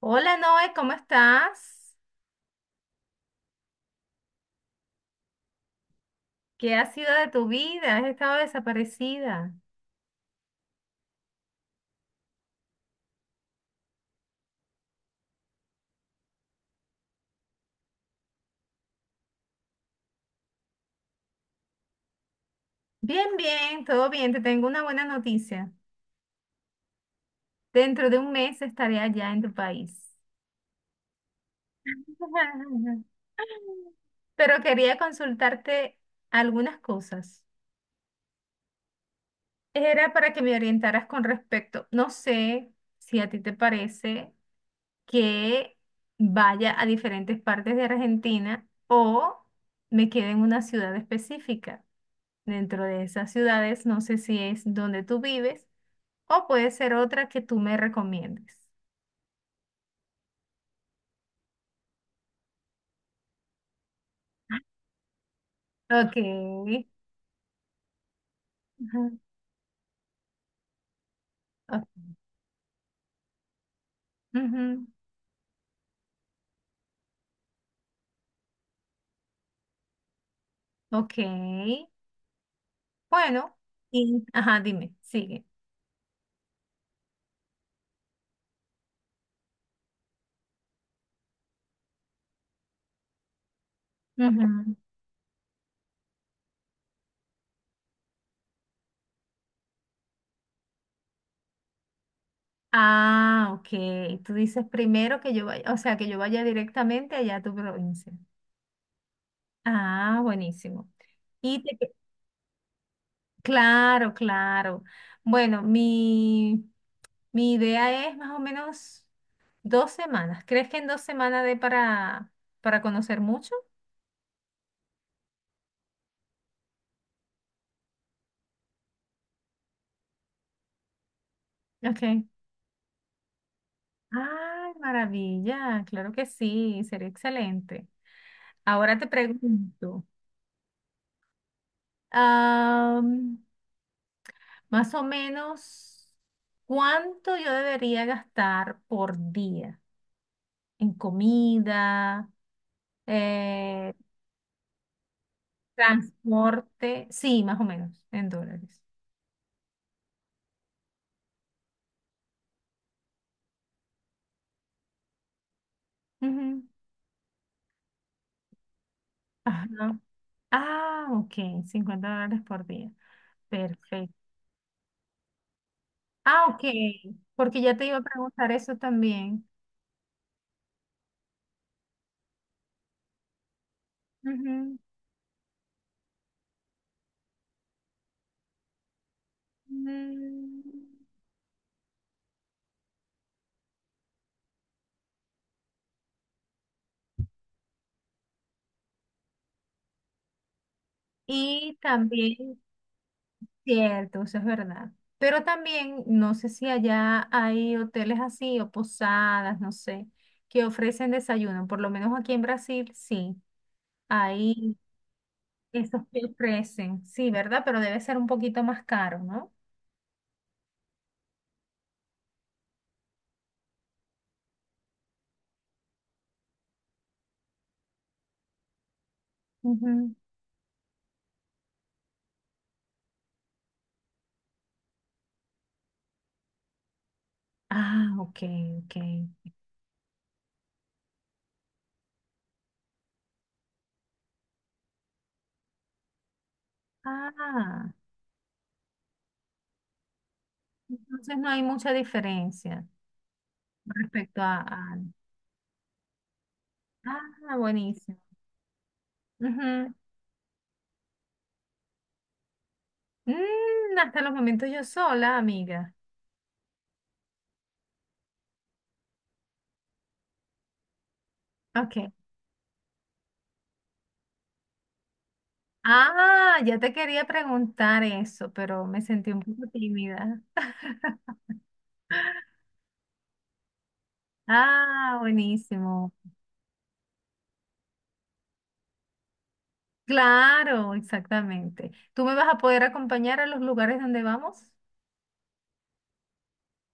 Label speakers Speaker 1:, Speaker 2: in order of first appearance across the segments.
Speaker 1: Hola Noé, ¿cómo estás? ¿Qué ha sido de tu vida? ¿Has estado desaparecida? Bien, bien, todo bien. Te tengo una buena noticia. Dentro de un mes estaré allá en tu país. Pero quería consultarte algunas cosas. Era para que me orientaras con respecto. No sé si a ti te parece que vaya a diferentes partes de Argentina o me quede en una ciudad específica. Dentro de esas ciudades. No sé si es donde tú vives o puede ser otra que tú me recomiendes. Ok. Ujú. O- ujú. Ok. Bueno, y, ajá, dime, sigue. Ujú. Ah, ok. Tú dices primero que yo vaya, o sea, que yo vaya directamente allá a tu provincia. Ah, buenísimo. Y te, que- claro, claro. Bueno, mi idea es más o menos 2 semanas. ¿Crees que en 2 semanas dé para conocer mucho? Ok. Ay, maravilla, claro que sí, sería excelente. Ahora te pregunto, am, más o menos, ¿cuánto yo debería gastar por día en comida, eh, transporte? Sí, más o menos, en dólares. Ujú. Ajá. Ah, ok, $50 por día. Perfecto. Ah, ok, porque ya te iba a preguntar eso también. Ujú. Mm, y también, cierto, eso es verdad. Pero también, no sé si allá hay hoteles así o posadas, no sé, que ofrecen desayuno. Por lo menos aquí en Brasil, sí, hay esos que ofrecen. Sí, ¿verdad? Pero debe ser un poquito más caro, ¿no? Ujú. Ah, ok, ok. Ah, entonces no hay mucha diferencia respecto a... a- Ah, buenísimo. Ujú. Mm, hasta los momentos yo sola, amiga. Ok. Ah, ya te quería preguntar eso, pero me sentí un poco tímida. Ah, buenísimo. Claro, exactamente. ¿Tú me vas a poder acompañar a los lugares donde vamos?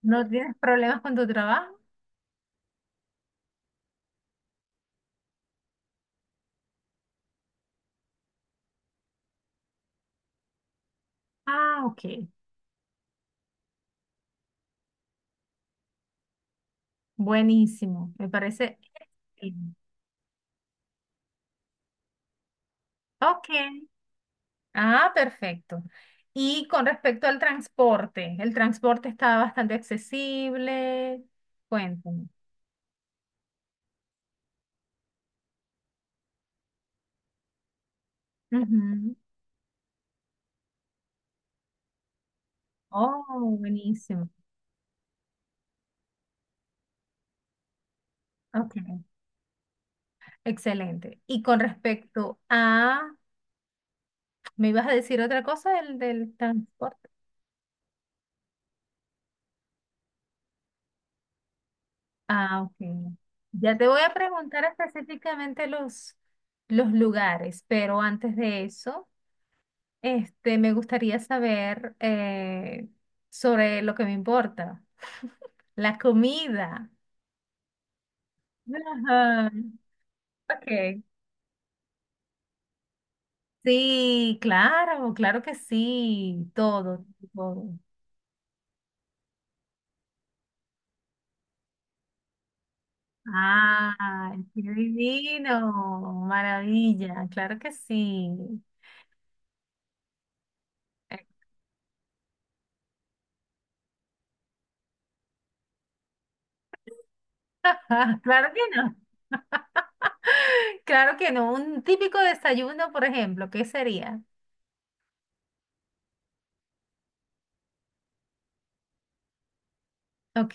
Speaker 1: ¿No tienes problemas con tu trabajo? Ah, ok. Buenísimo, me parece excelente. Ok, ah, perfecto. Y con respecto al transporte, el transporte está bastante accesible. Cuéntame. Ujú. Oh, buenísimo. Ok, excelente. Y con respecto a, ¿me ibas a decir otra cosa del transporte? Ah, ok. Ya te voy a preguntar específicamente los lugares, pero antes de eso. Este, me gustaría saber sobre lo que me importa, la comida. Ajá. Ok. Sí, claro, claro que sí, todo, todo. Ah, qué divino, maravilla, claro que sí. Claro que no, claro que no. Un típico desayuno, por ejemplo, ¿qué sería? Ok,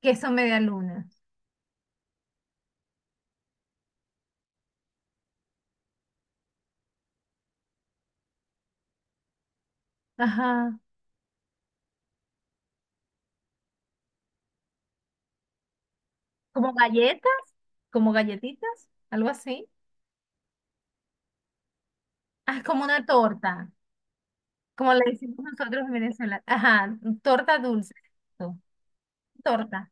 Speaker 1: queso media luna. Ajá. Como galletas, como galletitas, algo así. Ah, como una torta, como le decimos nosotros en Venezuela. Ajá, torta dulce. Eso, torta.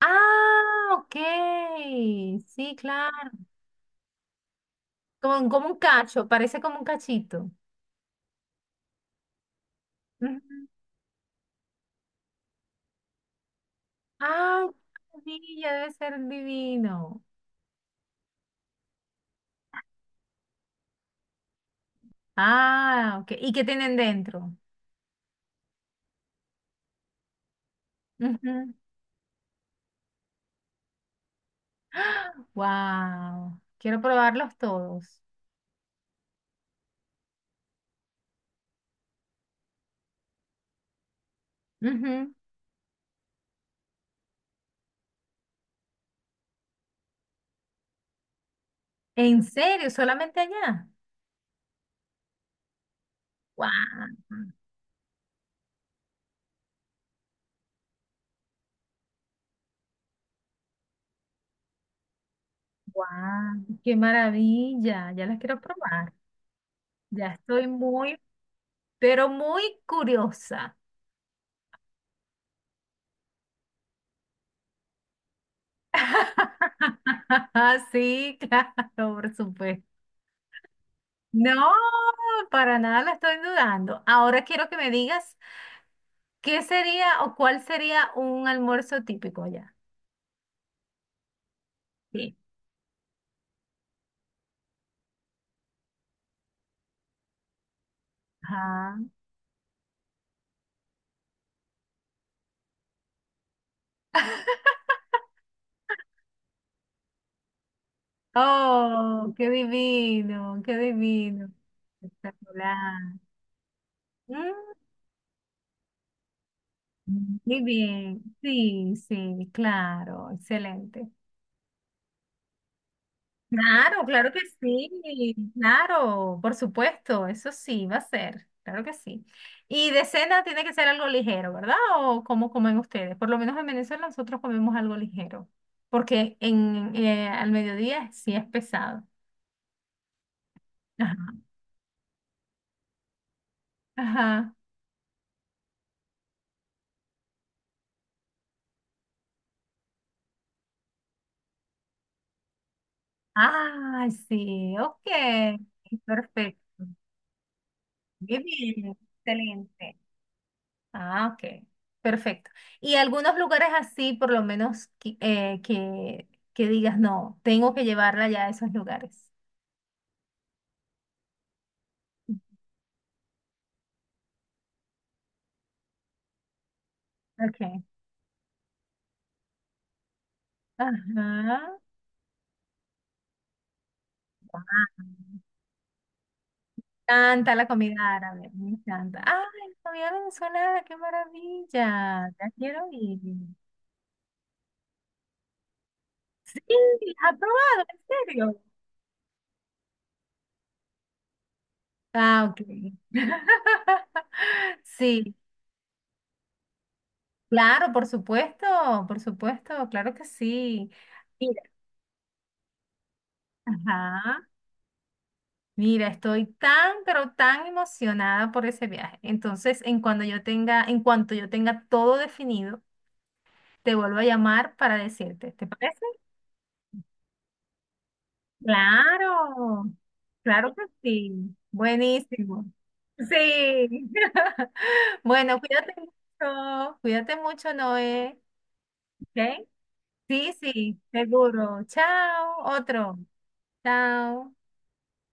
Speaker 1: Ah, ok. Sí, claro. Como, como un cacho, parece como un cachito. Ujú. Ay, qué maravilla, debe ser divino. Ah, ok. ¿Y qué tienen dentro? Ujú. Wow. Quiero probarlos todos. Ujú. ¿En serio? ¿Solamente allá? ¡Guau! ¡Guau! ¡Qué maravilla! Ya las quiero probar. Ya estoy muy, pero muy curiosa. Sí, claro, por supuesto. No, para nada la estoy dudando. Ahora quiero que me digas qué sería o cuál sería un almuerzo típico allá. Sí. Ajá. Oh, qué divino, qué divino. Espectacular. Mm, muy bien, sí, sí, claro, excelente. Claro, claro que sí, claro, por supuesto, eso sí, va a ser, claro que sí. Y de cena tiene que ser algo ligero, ¿verdad? ¿O cómo comen ustedes? Por lo menos en Venezuela nosotros comemos algo ligero, porque en, al mediodía sí es pesado. Ajá. Ajá. Ah, sí, ok, perfecto. Muy bien, excelente. Ah, ok. Perfecto. Y algunos lugares así, por lo menos, que digas, no, tengo que llevarla ya a esos lugares. Ok. Ajá. Guau. Canta la comida árabe, me encanta. ¡Ay, la comida venezolana, qué maravilla! Ya quiero ir. Sí, ¿has probado? ¿En serio? Ah, ok. Sí, claro, por supuesto, claro que sí. Mira, ajá. Mira, estoy tan, pero tan emocionada por ese viaje. Entonces, en cuanto yo tenga todo definido, te vuelvo a llamar para decirte. ¿Te parece? Claro, claro que sí. Buenísimo. Sí. Bueno, cuídate mucho. Cuídate mucho, Noé. ¿Ok? Sí, sí, seguro. Chao. Otro. Chao.